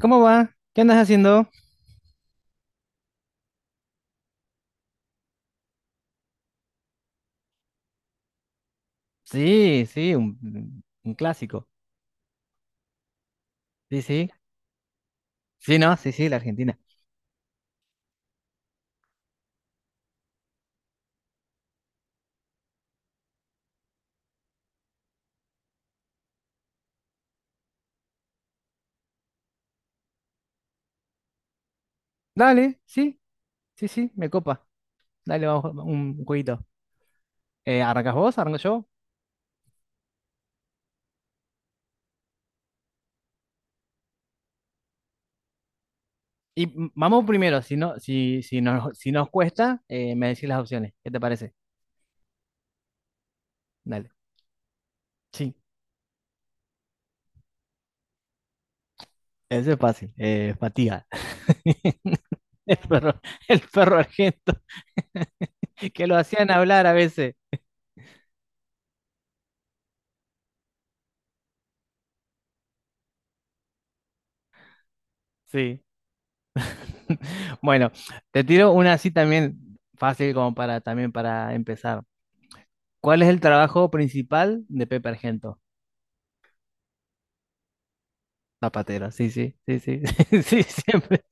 ¿Cómo va? ¿Qué andas haciendo? Sí, sí, un clásico. Sí, sí. Sí, no, sí, sí, la Argentina. Dale, sí, sí, sí, me copa. Dale, vamos a jugar un jueguito. ¿Arrancas vos? ¿Arranco yo? Y vamos primero, si no, si nos cuesta, me decís las opciones. ¿Qué te parece? Dale. Sí, eso es fácil. Fatiga. El perro, el perro argento, que lo hacían hablar a veces. Sí. Bueno, te tiro una así también fácil como para también para empezar. ¿Cuál es el trabajo principal de Pepe Argento? Zapatero, sí, sí, sí, sí, sí, siempre,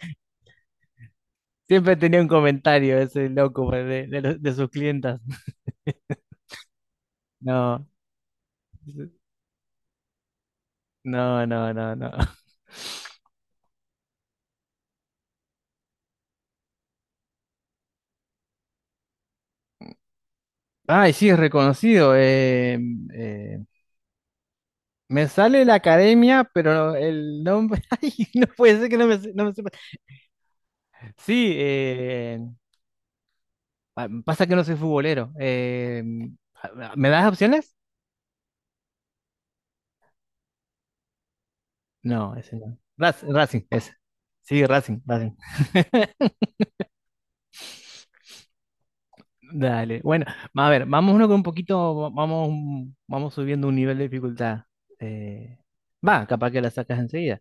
siempre tenía un comentario ese loco pues, de sus clientas. No, no, no, no, no. Ay, sí, es reconocido. Eh, Me sale la academia, pero el nombre, ay, no puede ser que no me sepa. Sí, ah, pasa que no soy futbolero. ¿Me das opciones? No, ese no. Racing, ese. Sí, Racing, Racing. Dale. Bueno, a ver, vamos uno con un poquito, vamos, un- vamos subiendo un nivel de dificultad. Eh, Va, capaz que la sacas enseguida.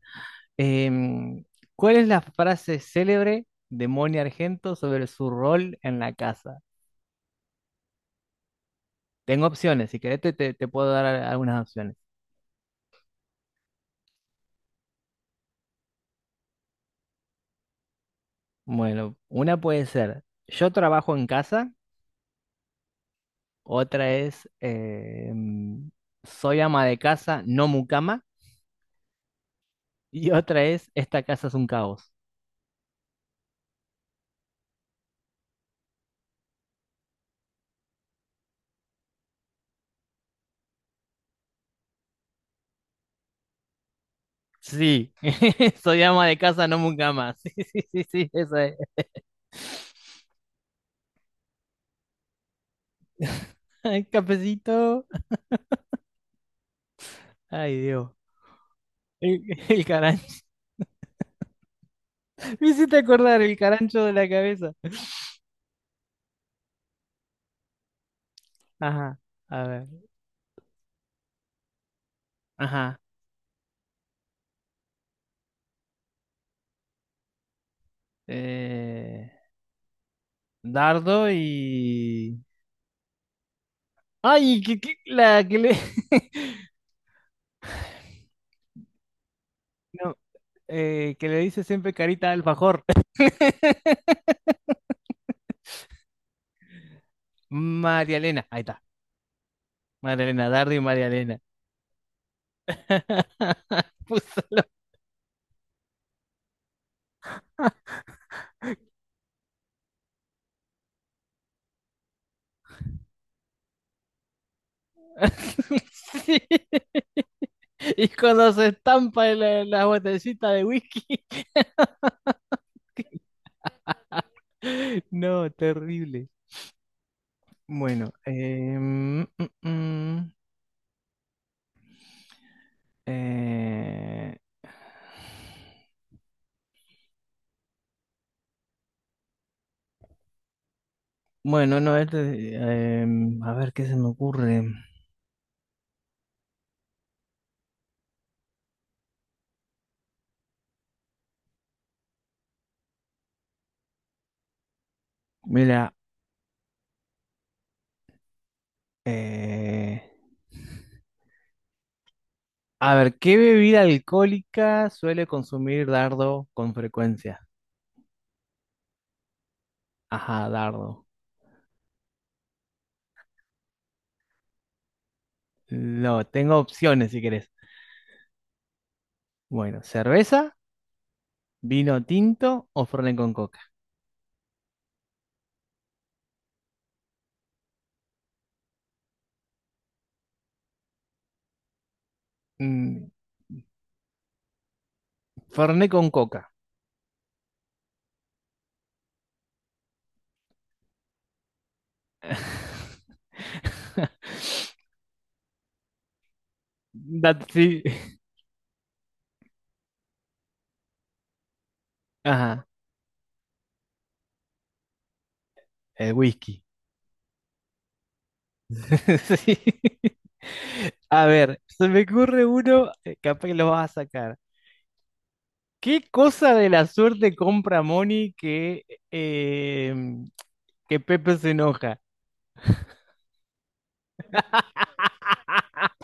Em, ¿Cuál es la frase célebre de Moni Argento sobre su rol en la casa? Tengo opciones, si querés te puedo dar algunas opciones. Bueno, una puede ser, yo trabajo en casa. Otra es soy ama de casa, no mucama. Y otra es esta casa es un caos. Sí, soy ama de casa, no mucama. Sí, sí, sí, sí, esa es. Ay, cafecito. Ay, Dios. El, el carancho. Me hiciste acordar el carancho de la cabeza. Ajá, a ver. Ajá. Eh, Dardo y... Ay, la que le... No, que le dice siempre carita de alfajor. María Elena. Ahí está. María Elena Dardo y María Elena. Puso lo- Sí. Y cuando se estampa en la, la botellita de whisky. No, terrible. Bueno, eh, bueno, no, eh, a ver qué se me ocurre. Mira, eh, a ver, ¿qué bebida alcohólica suele consumir Dardo con frecuencia? Ajá, dardo. Lo tengo opciones si querés. Bueno, cerveza, vino tinto o Fernet con coca. Mm, Fernet con coca. Sí. Ajá, el whisky. Sí. A ver, se me ocurre uno, capaz que lo vas a sacar. ¿Qué cosa de la suerte compra Moni que, eh, em, que Pepe se enoja?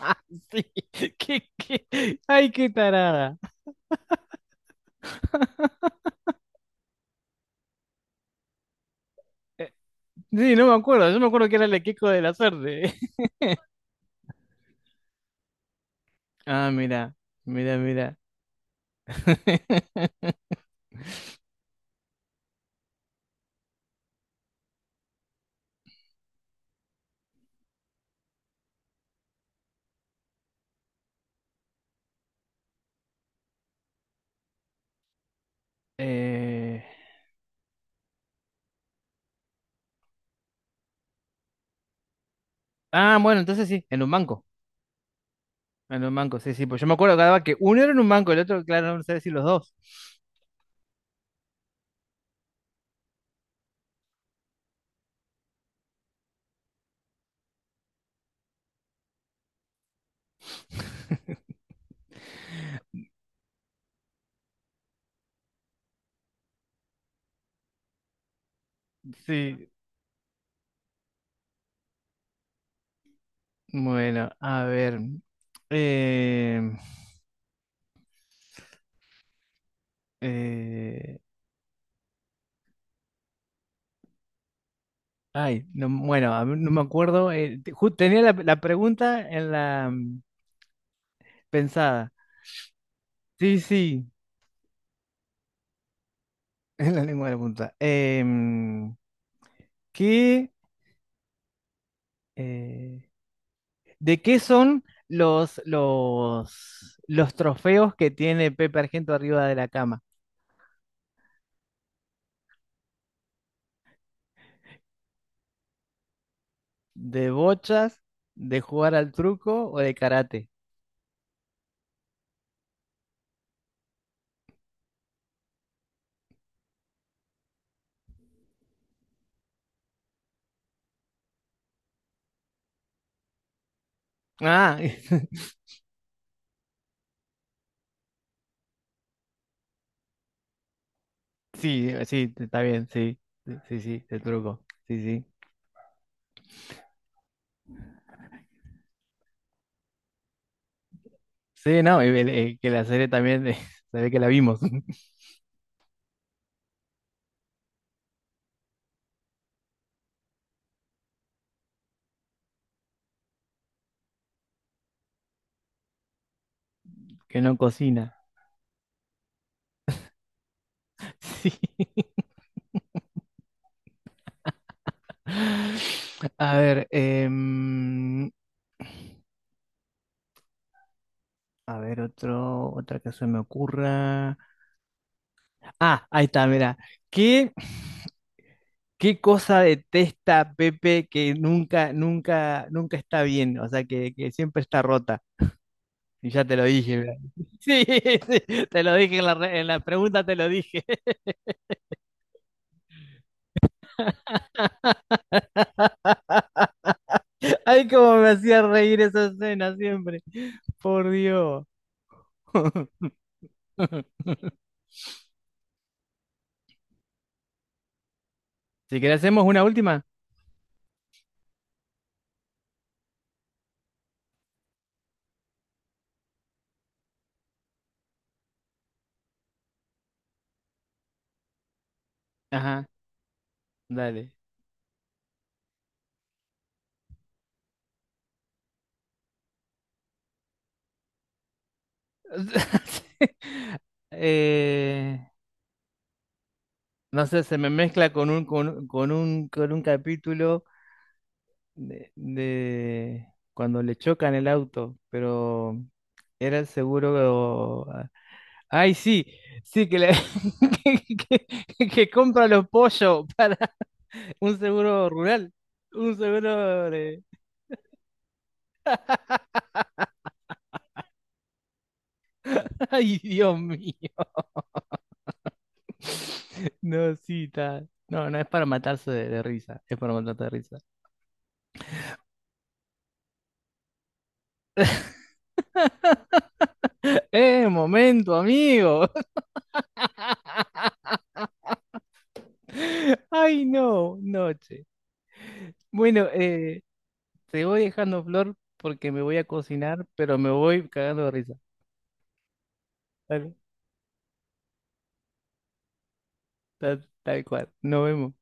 Sí, ¿qué, qué? Ay, qué tarada. Sí, no me acuerdo, yo me acuerdo que era el equipo de la suerte. Ah, mira, mira, mira. Eh, Ah, bueno, entonces sí, en un banco. En un banco, sí, sí. Pues yo me acuerdo cada vez que uno era en un banco, el otro, claro, no sé si los dos. Sí, bueno, a ver. eh, eh, Ay, no, bueno, a mí no me acuerdo. Tenía la, la pregunta en la pensada. Sí, sí, en la lengua de la punta. ¿Qué? eh, ¿De qué son los trofeos que tiene Pepe Argento arriba de la cama? ¿De bochas, de jugar al truco o de karate? Ah, sí, sí, está bien, sí, sí, sí, de truco, sí, sí. Sí, no, que la serie también, se ve que la vimos, que no cocina. Sí. A ver, a ver, otro, otra que se me ocurra. Ah, ahí está, mira. ¿Qué, ¿qué cosa detesta Pepe que nunca, nunca, nunca está bien? O sea, que siempre está rota. Y ya te lo dije, ¿verdad? Sí, sí, te lo dije en la, en la pregunta, te lo dije. Ay, cómo me hacía reír esa escena siempre. Por Dios. Si querés, hacemos una última. Ajá, dale. Eh, no sé, se me mezcla con un, con un capítulo. De cuando le chocan el auto, pero era el seguro. Ay, sí, sí, que, que compra los pollos para un seguro rural. Un seguro de... Ay, Dios mío. No, sí, está. No, no es para matarse de risa, es para matarse de risa. ¡Eh, momento, amigo! Ay, no, noche. Bueno, te voy dejando flor porque me voy a cocinar, pero me voy cagando de risa. Dale, tal, tal cual. Nos vemos.